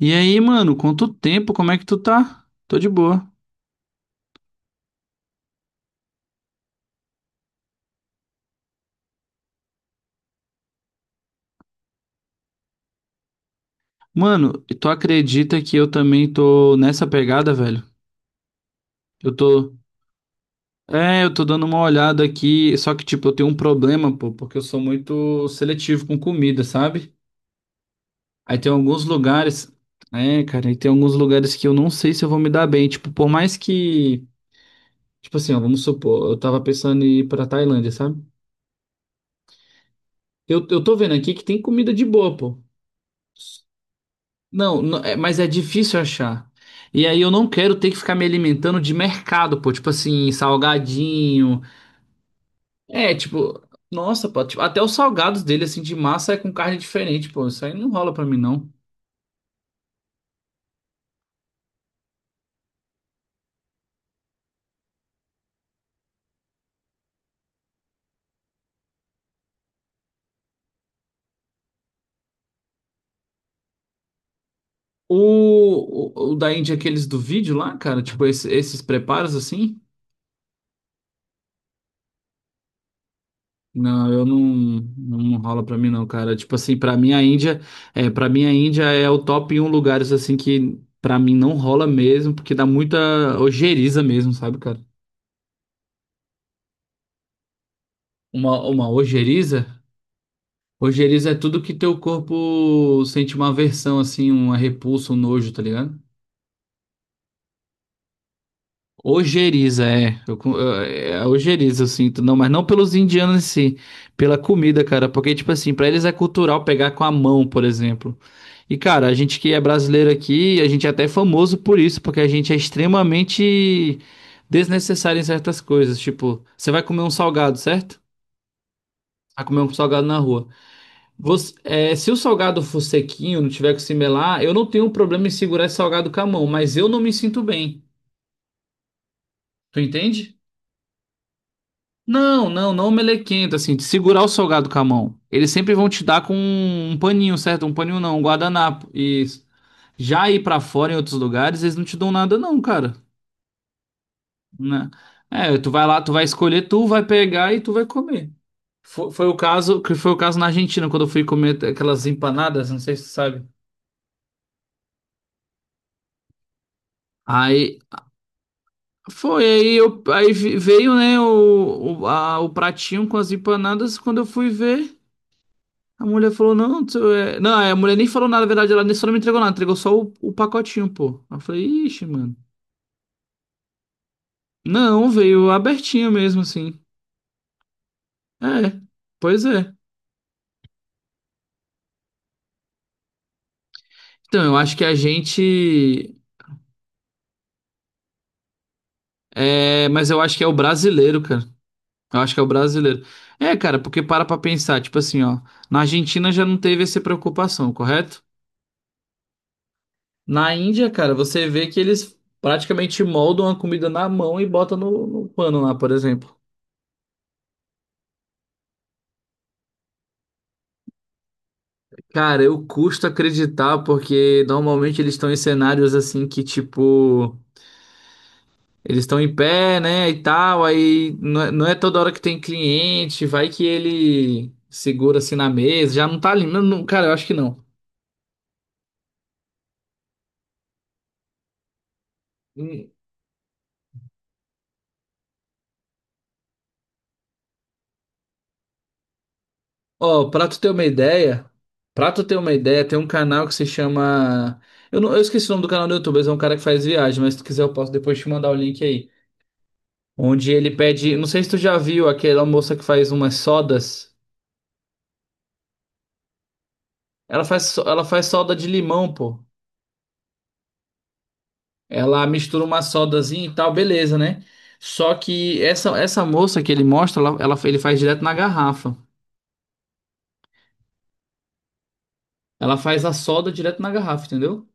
E aí, mano, quanto tempo? Como é que tu tá? Tô de boa. Mano, e tu acredita que eu também tô nessa pegada, velho? Eu tô. É, eu tô dando uma olhada aqui, só que, tipo, eu tenho um problema, pô, porque eu sou muito seletivo com comida, sabe? Aí tem alguns lugares. É, cara, aí tem alguns lugares que eu não sei se eu vou me dar bem. Tipo, por mais que. Tipo assim, ó, vamos supor, eu tava pensando em ir pra Tailândia, sabe? Eu tô vendo aqui que tem comida de boa, pô. Não, mas é difícil achar. E aí eu não quero ter que ficar me alimentando de mercado, pô, tipo assim, salgadinho. É, tipo, nossa, pô, tipo, até os salgados dele, assim, de massa é com carne diferente, pô. Isso aí não rola pra mim, não. O da Índia, aqueles do vídeo lá, cara, tipo, esses preparos assim. Não, eu não rola pra mim não, cara. Tipo assim, pra mim a Índia, é, para mim a Índia é o top 1 lugares assim que pra mim não rola mesmo, porque dá muita ojeriza mesmo, sabe, cara? Uma ojeriza? Ojeriza é tudo que teu corpo sente uma aversão, assim, uma repulsa, um nojo, tá ligado? Ojeriza, é. É ojeriza, eu sinto. Não, mas não pelos indianos em si. Pela comida, cara. Porque, tipo assim, pra eles é cultural pegar com a mão, por exemplo. E, cara, a gente que é brasileiro aqui, a gente é até famoso por isso, porque a gente é extremamente desnecessário em certas coisas. Tipo, você vai comer um salgado, certo? Vai comer um salgado na rua. Se o salgado for sequinho, não tiver que se melar, eu não tenho problema em segurar esse salgado com a mão, mas eu não me sinto bem. Tu entende? Não, não melequento, assim, de segurar o salgado com a mão. Eles sempre vão te dar com um paninho, certo? Um paninho não, um guardanapo. Isso. Já ir pra fora em outros lugares, eles não te dão nada não, cara, né? É, tu vai lá, tu vai escolher, tu vai pegar e tu vai comer. Foi o caso na Argentina, quando eu fui comer aquelas empanadas, não sei se tu sabe. Aí, Foi, aí, eu, aí vi- veio, né, o pratinho com as empanadas. Quando eu fui ver, a mulher falou, não, tu é... Não, a mulher nem falou nada, na verdade, ela nem só não me entregou nada, entregou só o pacotinho, pô. Aí eu falei, ixi, mano. Não, veio abertinho mesmo, assim. É, pois é. Então, eu acho que a gente... É, mas eu acho que é o brasileiro, cara. Eu acho que é o brasileiro. É, cara, porque para pra pensar, tipo assim, ó. Na Argentina já não teve essa preocupação, correto? Na Índia, cara, você vê que eles praticamente moldam a comida na mão e botam no pano lá, por exemplo. Cara, eu custo acreditar porque normalmente eles estão em cenários assim que, tipo, eles estão em pé, né, e tal, aí não é toda hora que tem cliente, vai que ele segura assim na mesa, já não tá ali. Não, não, cara, eu acho que não. Ó, pra tu ter uma ideia, tem um canal que se chama. Não, eu esqueci o nome do canal do YouTube, mas é um cara que faz viagem, mas se tu quiser eu posso depois te mandar o link aí. Onde ele pede. Não sei se tu já viu aquela moça que faz umas sodas. Ela faz soda de limão, pô. Ela mistura uma sodazinha e tal, beleza, né? Só que essa moça que ele mostra, ele faz direto na garrafa. Ela faz a soda direto na garrafa, entendeu?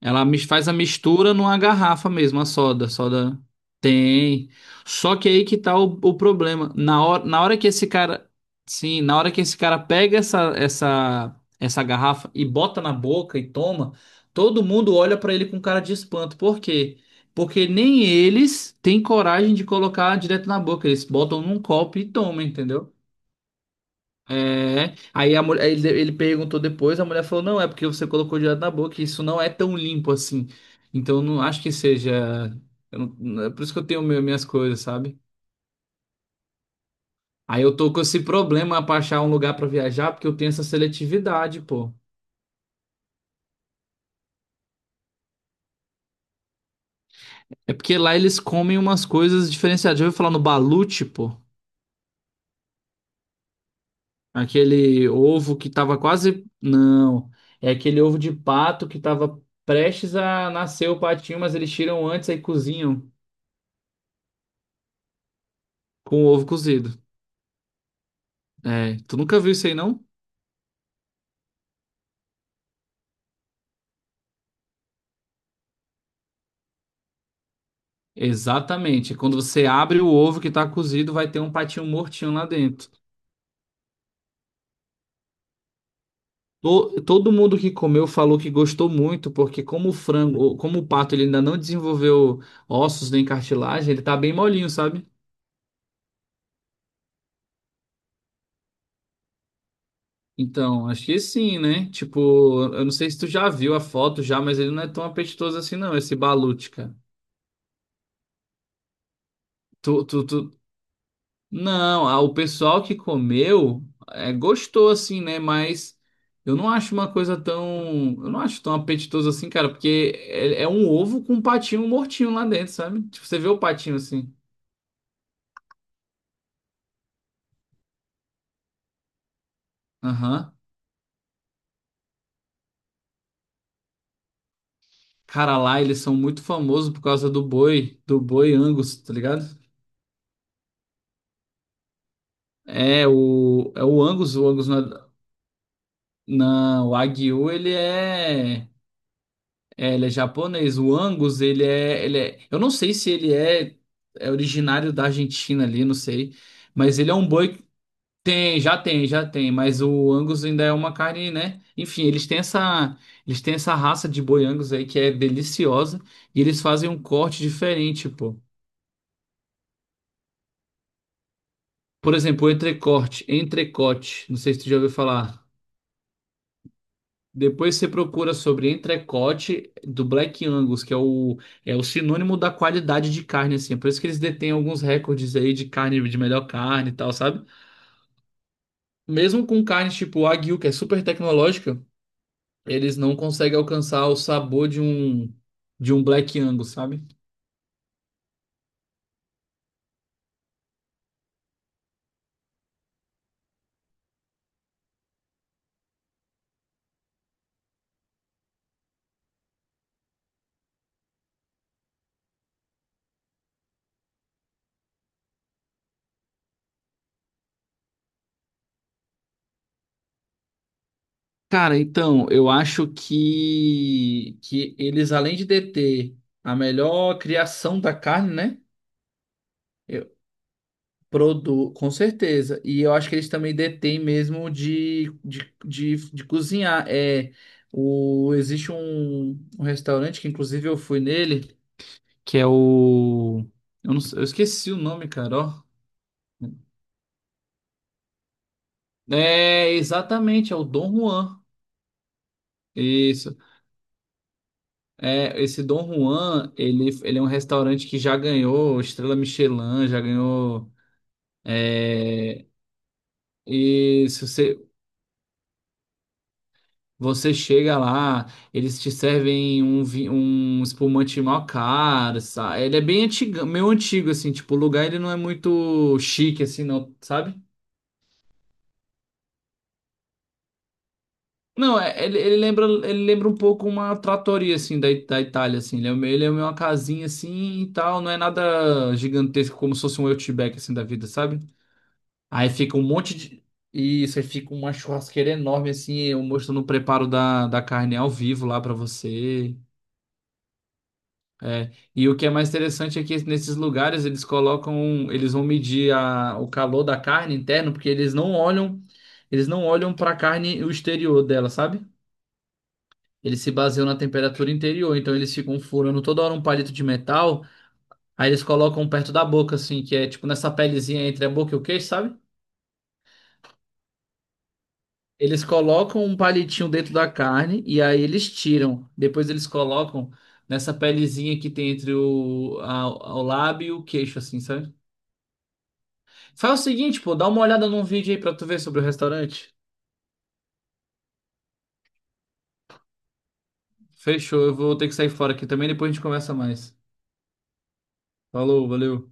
Ela faz a mistura numa garrafa mesmo, a soda. A soda tem. Só que aí que tá o problema. Na hora que esse cara. Sim, na hora que esse cara pega essa garrafa e bota na boca e toma, todo mundo olha pra ele com cara de espanto. Por quê? Porque nem eles têm coragem de colocar direto na boca. Eles botam num copo e tomam, entendeu? É. Aí a mulher, ele perguntou depois, a mulher falou, não, é porque você colocou direto na boca, e isso não é tão limpo assim. Então eu não acho que seja. Eu não- é por isso que eu tenho minhas coisas, sabe? Aí eu tô com esse problema pra achar um lugar pra viajar, porque eu tenho essa seletividade, pô. É porque lá eles comem umas coisas diferenciadas. Já ouviu falar no balut, pô? Aquele ovo que tava quase. Não. É aquele ovo de pato que tava prestes a nascer o patinho, mas eles tiram antes aí cozinham com o ovo cozido. É, tu nunca viu isso aí, não? Exatamente. Quando você abre o ovo que tá cozido, vai ter um patinho mortinho lá dentro. Todo mundo que comeu falou que gostou muito, porque como o frango, como o pato, ele ainda não desenvolveu ossos nem cartilagem, ele tá bem molinho, sabe? Então, acho que sim, né? Tipo, eu não sei se tu já viu a foto já, mas ele não é tão apetitoso assim, não, esse balute, cara. Tu, tu, tu, Não, ah, o pessoal que comeu gostou assim, né? Mas eu não acho uma coisa tão. Eu não acho tão apetitoso assim, cara, porque é um ovo com um patinho mortinho lá dentro, sabe? Tipo, você vê o patinho assim. Aham. Cara, lá eles são muito famosos por causa do boi, Angus, tá ligado? É o Angus, o Angus o Wagyu, ele é. É, ele é japonês. O Angus, ele é. Eu não sei se ele é originário da Argentina ali, não sei. Mas ele é um boi. Tem, já tem, já tem. Mas o Angus ainda é uma carne, né? Enfim, eles têm essa raça de boi Angus aí que é deliciosa. E eles fazem um corte diferente, pô. Por exemplo, o entrecote. Não sei se tu já ouviu falar. Depois você procura sobre entrecote do Black Angus, que é o sinônimo da qualidade de carne, assim. É, por isso que eles detêm alguns recordes aí de carne, de melhor carne e tal, sabe? Mesmo com carnes tipo Wagyu, que é super tecnológica, eles não conseguem alcançar o sabor de um Black Angus, sabe? Cara, então, eu acho que eles, além de deter a melhor criação da carne, né? Com certeza. E eu acho que eles também detêm mesmo de cozinhar. Existe um restaurante que, inclusive, eu fui nele, que é o. Eu, não sei- Eu esqueci o nome, cara. Ó. É, exatamente, é o Dom Juan. Isso. É, esse Dom Juan, ele é um restaurante que já ganhou Estrela Michelin, já ganhou. É, isso. Você chega lá, eles te servem um espumante mó caro, sabe? Ele é bem antigo, meio antigo, assim, tipo, o lugar ele não é muito chique, assim, não, sabe? Não, ele lembra um pouco uma trattoria, assim, da Itália, assim. Ele é meio uma casinha, assim, e tal. Não é nada gigantesco, como se fosse um Outback, assim, da vida, sabe? Aí fica um monte de... Isso, aí fica uma churrasqueira enorme, assim, eu mostrando o preparo da carne ao vivo lá pra você. É, e o que é mais interessante é que nesses lugares eles colocam, um, eles vão medir o calor da carne interno, porque eles não olham para a carne o exterior dela, sabe? Eles se baseiam na temperatura interior, então eles ficam furando toda hora um palito de metal, aí eles colocam perto da boca, assim, que é tipo nessa pelezinha entre a boca e o queixo, sabe? Eles colocam um palitinho dentro da carne e aí eles tiram. Depois eles colocam nessa pelezinha que tem entre o lábio e o queixo, assim, sabe? Faz o seguinte, pô, dá uma olhada num vídeo aí pra tu ver sobre o restaurante. Fechou, eu vou ter que sair fora aqui também, depois a gente conversa mais. Falou, valeu.